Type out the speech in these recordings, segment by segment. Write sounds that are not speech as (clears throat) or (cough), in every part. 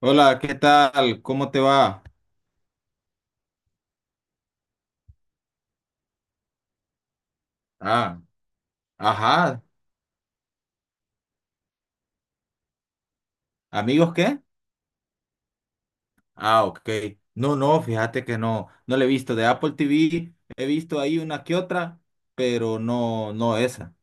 Hola, ¿qué tal? ¿Cómo te va? Ah, ajá. ¿Amigos qué? Ah, ok. No, no, fíjate que no, no le he visto de Apple TV, he visto ahí una que otra, pero no, no esa.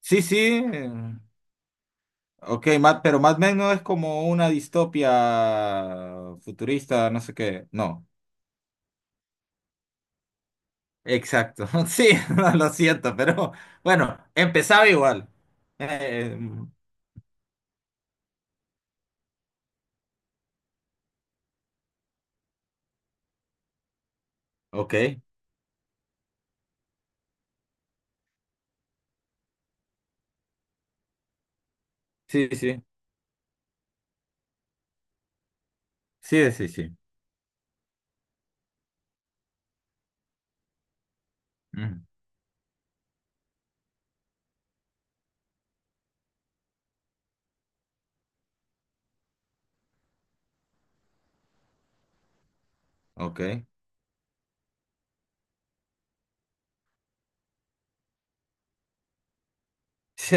Sí, sí, eh, ok, pero más o menos es como una distopia futurista, no sé qué. No, exacto. (laughs) Sí, (laughs) lo siento, pero bueno, empezaba igual. Eh, ok, sí, sí, sí, sí, sí. Sí. Mm. Ok. Sí,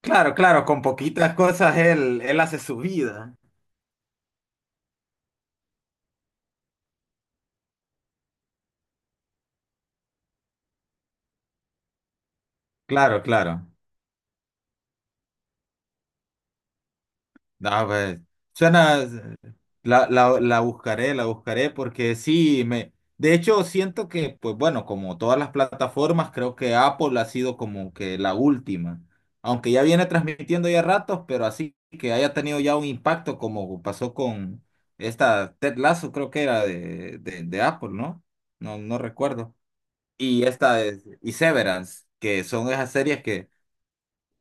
claro, claro, con poquitas cosas él hace su vida. Claro, claro. Ah, pues, suena, la, la, la buscaré porque sí, me, de hecho siento que, pues bueno, como todas las plataformas, creo que Apple ha sido como que la última, aunque ya viene transmitiendo ya ratos, pero así que haya tenido ya un impacto como pasó con esta Ted Lasso, creo que era de Apple, ¿no? No, no recuerdo. Y esta es, y Severance, que son esas series que,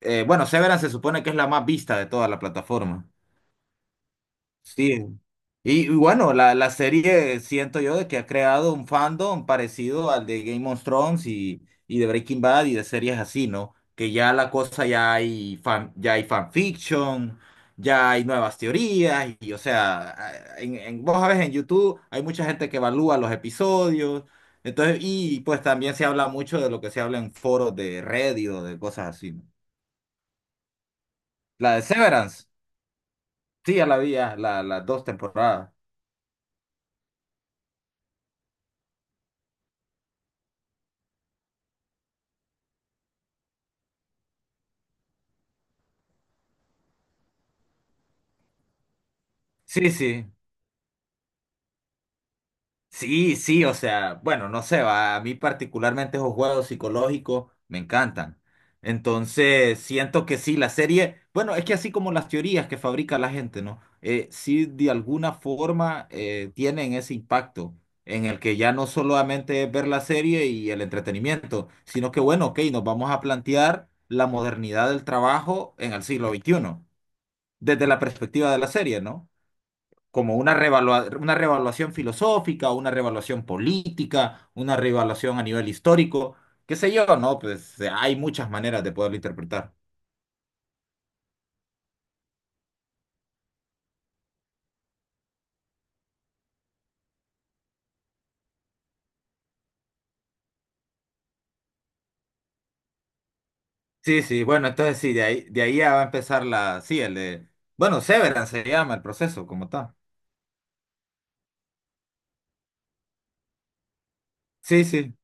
bueno, Severance se supone que es la más vista de toda la plataforma. Sí. Y bueno, la serie siento yo de que ha creado un fandom parecido al de Game of Thrones y de Breaking Bad y de series así, ¿no? Que ya la cosa ya hay fan, ya hay fanfiction, ya hay nuevas teorías, y, o sea, en, vos sabes en YouTube hay mucha gente que evalúa los episodios, entonces, y pues también se habla mucho de lo que se habla en foros de Reddit o de cosas así, ¿no? La de Severance, sí, ya la vi, ya, la, las dos temporadas. Sí, sí. Sí, sí, o sea, bueno, no sé, va, a mí particularmente esos juegos psicológicos me encantan. Entonces, siento que sí, la serie, bueno, es que así como las teorías que fabrica la gente, ¿no? Sí, de alguna forma tienen ese impacto en el que ya no solamente es ver la serie y el entretenimiento, sino que, bueno, ok, nos vamos a plantear la modernidad del trabajo en el siglo XXI desde la perspectiva de la serie, ¿no? Como una una revaluación filosófica, una revaluación política, una revaluación a nivel histórico, qué sé yo, ¿no? Pues hay muchas maneras de poderlo interpretar. Sí, sí, bueno, entonces sí, de ahí ya va a empezar la, sí, el de, bueno, Severance se llama el proceso como tal. Sí, sí,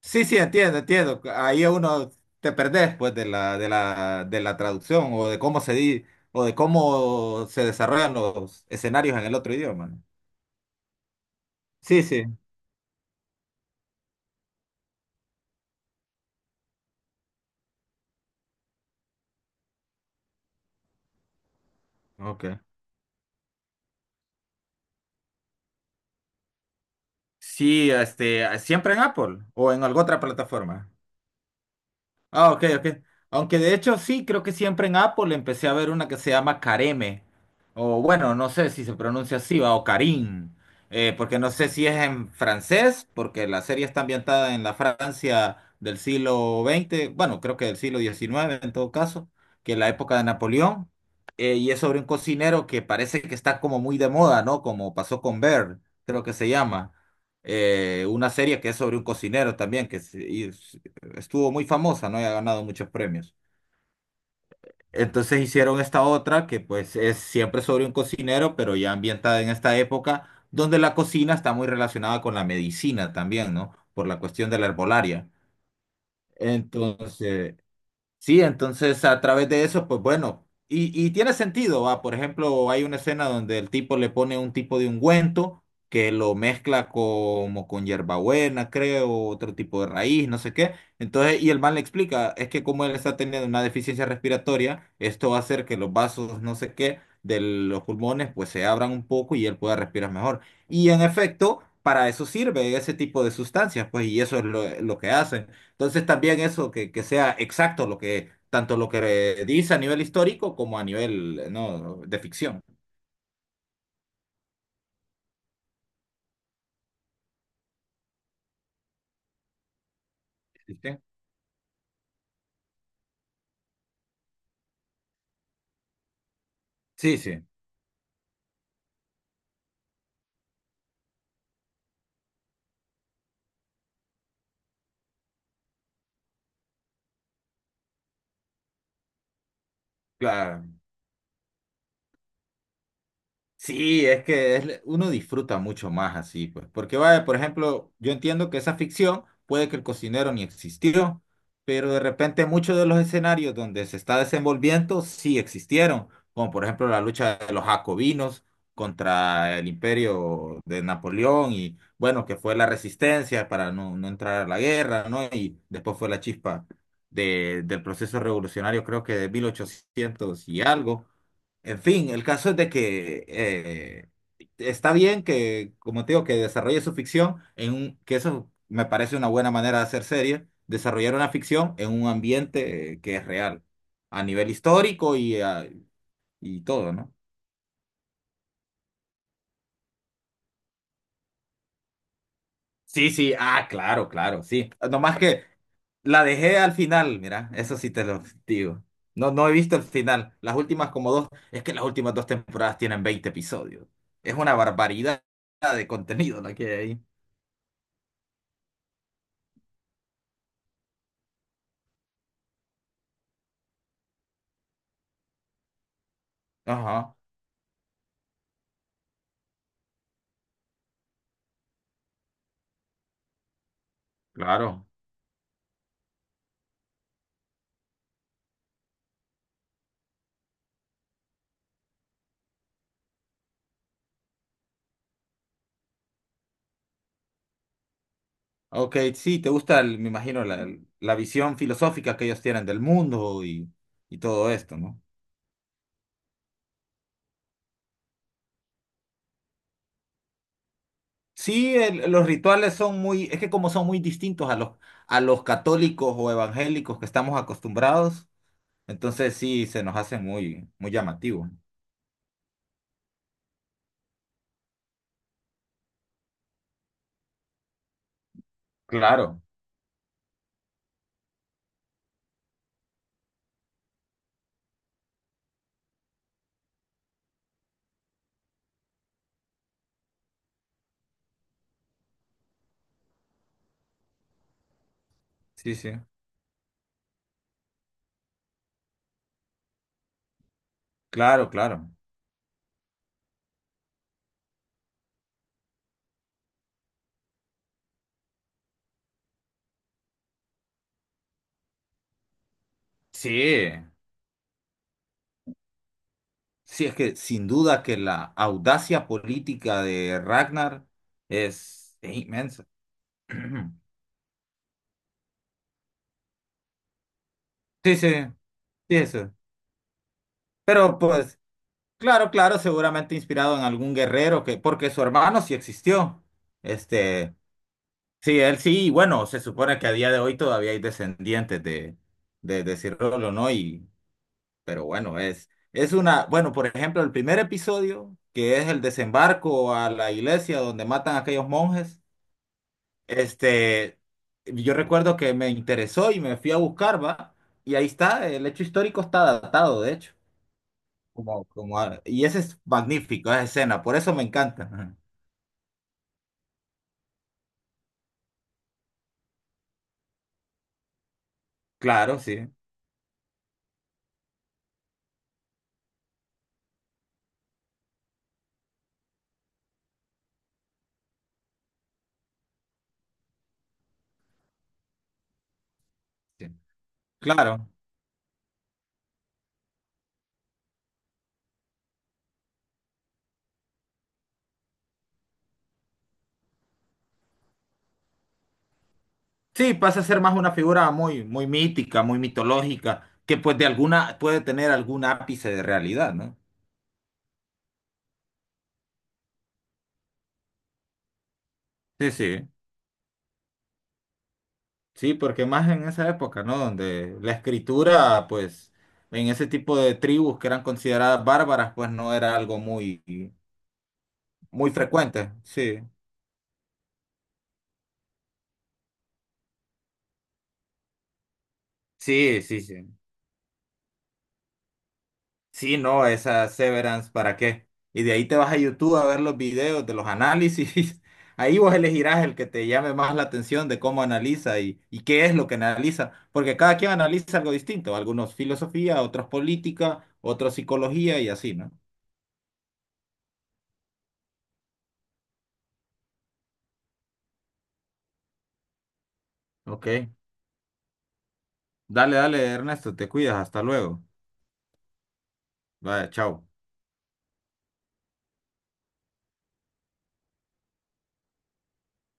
sí, sí, entiendo, entiendo. Ahí uno te perdés, pues, de la traducción o de cómo o de cómo se desarrollan los escenarios en el otro idioma, ¿no? Sí, sí. Ok. Sí, este, siempre en Apple o en alguna otra plataforma. Ah, ok, ok. Aunque de hecho sí, creo que siempre en Apple empecé a ver una que se llama Careme, o bueno, no sé si se pronuncia así, va, o Karim. Porque no sé si es en francés, porque la serie está ambientada en la Francia del siglo XX, bueno, creo que del siglo XIX en todo caso, que es la época de Napoleón. Y es sobre un cocinero que parece que está como muy de moda, ¿no? Como pasó con Bear, creo que se llama. Una serie que es sobre un cocinero también, y estuvo muy famosa, ¿no? Y ha ganado muchos premios. Entonces hicieron esta otra que pues es siempre sobre un cocinero, pero ya ambientada en esta época, donde la cocina está muy relacionada con la medicina también, ¿no? Por la cuestión de la herbolaria. Entonces, sí, entonces a través de eso, pues bueno, y tiene sentido, va, por ejemplo, hay una escena donde el tipo le pone un tipo de ungüento que lo mezcla como con hierbabuena, creo, otro tipo de raíz, no sé qué. Entonces, y el man le explica, es que como él está teniendo una deficiencia respiratoria, esto va a hacer que los vasos, no sé qué, de los pulmones, pues se abran un poco y él pueda respirar mejor. Y en efecto, para eso sirve ese tipo de sustancias, pues, y eso es lo que hacen. Entonces también eso, que sea exacto lo que, tanto lo que dice a nivel histórico como a nivel, no, de ficción. ¿Viste? Sí, sí, claro. Sí, uno disfruta mucho más así, pues. Porque, vaya, por ejemplo, yo entiendo que esa ficción puede que el cocinero ni existió, pero de repente muchos de los escenarios donde se está desenvolviendo sí existieron, como por ejemplo la lucha de los jacobinos contra el imperio de Napoleón y, bueno, que fue la resistencia para no, no entrar a la guerra, ¿no? Y después fue la chispa del proceso revolucionario, creo que de 1800 y algo. En fin, el caso es de que está bien que, como te digo, que desarrolle su ficción en un, que eso me parece una buena manera de hacer serie, desarrollar una ficción en un ambiente que es real, a nivel histórico y, y todo, ¿no? Sí, sí, ah, claro, claro, sí. Nomás que la dejé al final, mira, eso sí te lo digo. No, no he visto el final. Las últimas como dos, es que las últimas dos temporadas tienen 20 episodios. Es una barbaridad de contenido la que hay ahí. Ajá, claro. Ok, sí, te gusta, me imagino, la visión filosófica que ellos tienen del mundo y todo esto, ¿no? Sí, los rituales son muy, es que como son muy distintos a los católicos o evangélicos que estamos acostumbrados, entonces sí, se nos hace muy, muy llamativo. Claro, sí, sí, claro, claro. Sí, sí, es que sin duda que la audacia política de Ragnar es inmensa. (clears throat) Sí, sí. Sí, eso. Pero pues, claro, claro, seguramente inspirado en algún guerrero que, porque su hermano sí existió. Este, sí, él sí, y bueno, se supone que a día de hoy todavía hay descendientes de, de Cirolo, ¿no? Y, pero bueno, es una, bueno, por ejemplo, el primer episodio, que es el desembarco a la iglesia donde matan a aquellos monjes, este, yo recuerdo que me interesó y me fui a buscar, ¿va? Y ahí está, el hecho histórico está datado, de hecho. Como, como, y ese es magnífico, esa escena, por eso me encanta. Ajá. Claro, sí, sí, claro. Sí, pasa a ser más una figura muy, muy mítica, muy mitológica, que pues de alguna, puede tener algún ápice de realidad, ¿no? Sí, sí, sí, porque más en esa época, ¿no? Donde la escritura, pues, en ese tipo de tribus que eran consideradas bárbaras, pues no era algo muy, muy frecuente. Sí, sí, sí, sí. Sí, no, esa Severance, ¿para qué? Y de ahí te vas a YouTube a ver los videos de los análisis. (laughs) Ahí vos elegirás el que te llame más la atención de cómo analiza y qué es lo que analiza, porque cada quien analiza algo distinto, algunos filosofía, otros política, otros psicología y así, ¿no? Ok, dale, dale, Ernesto, te cuidas, hasta luego. Vaya, chao.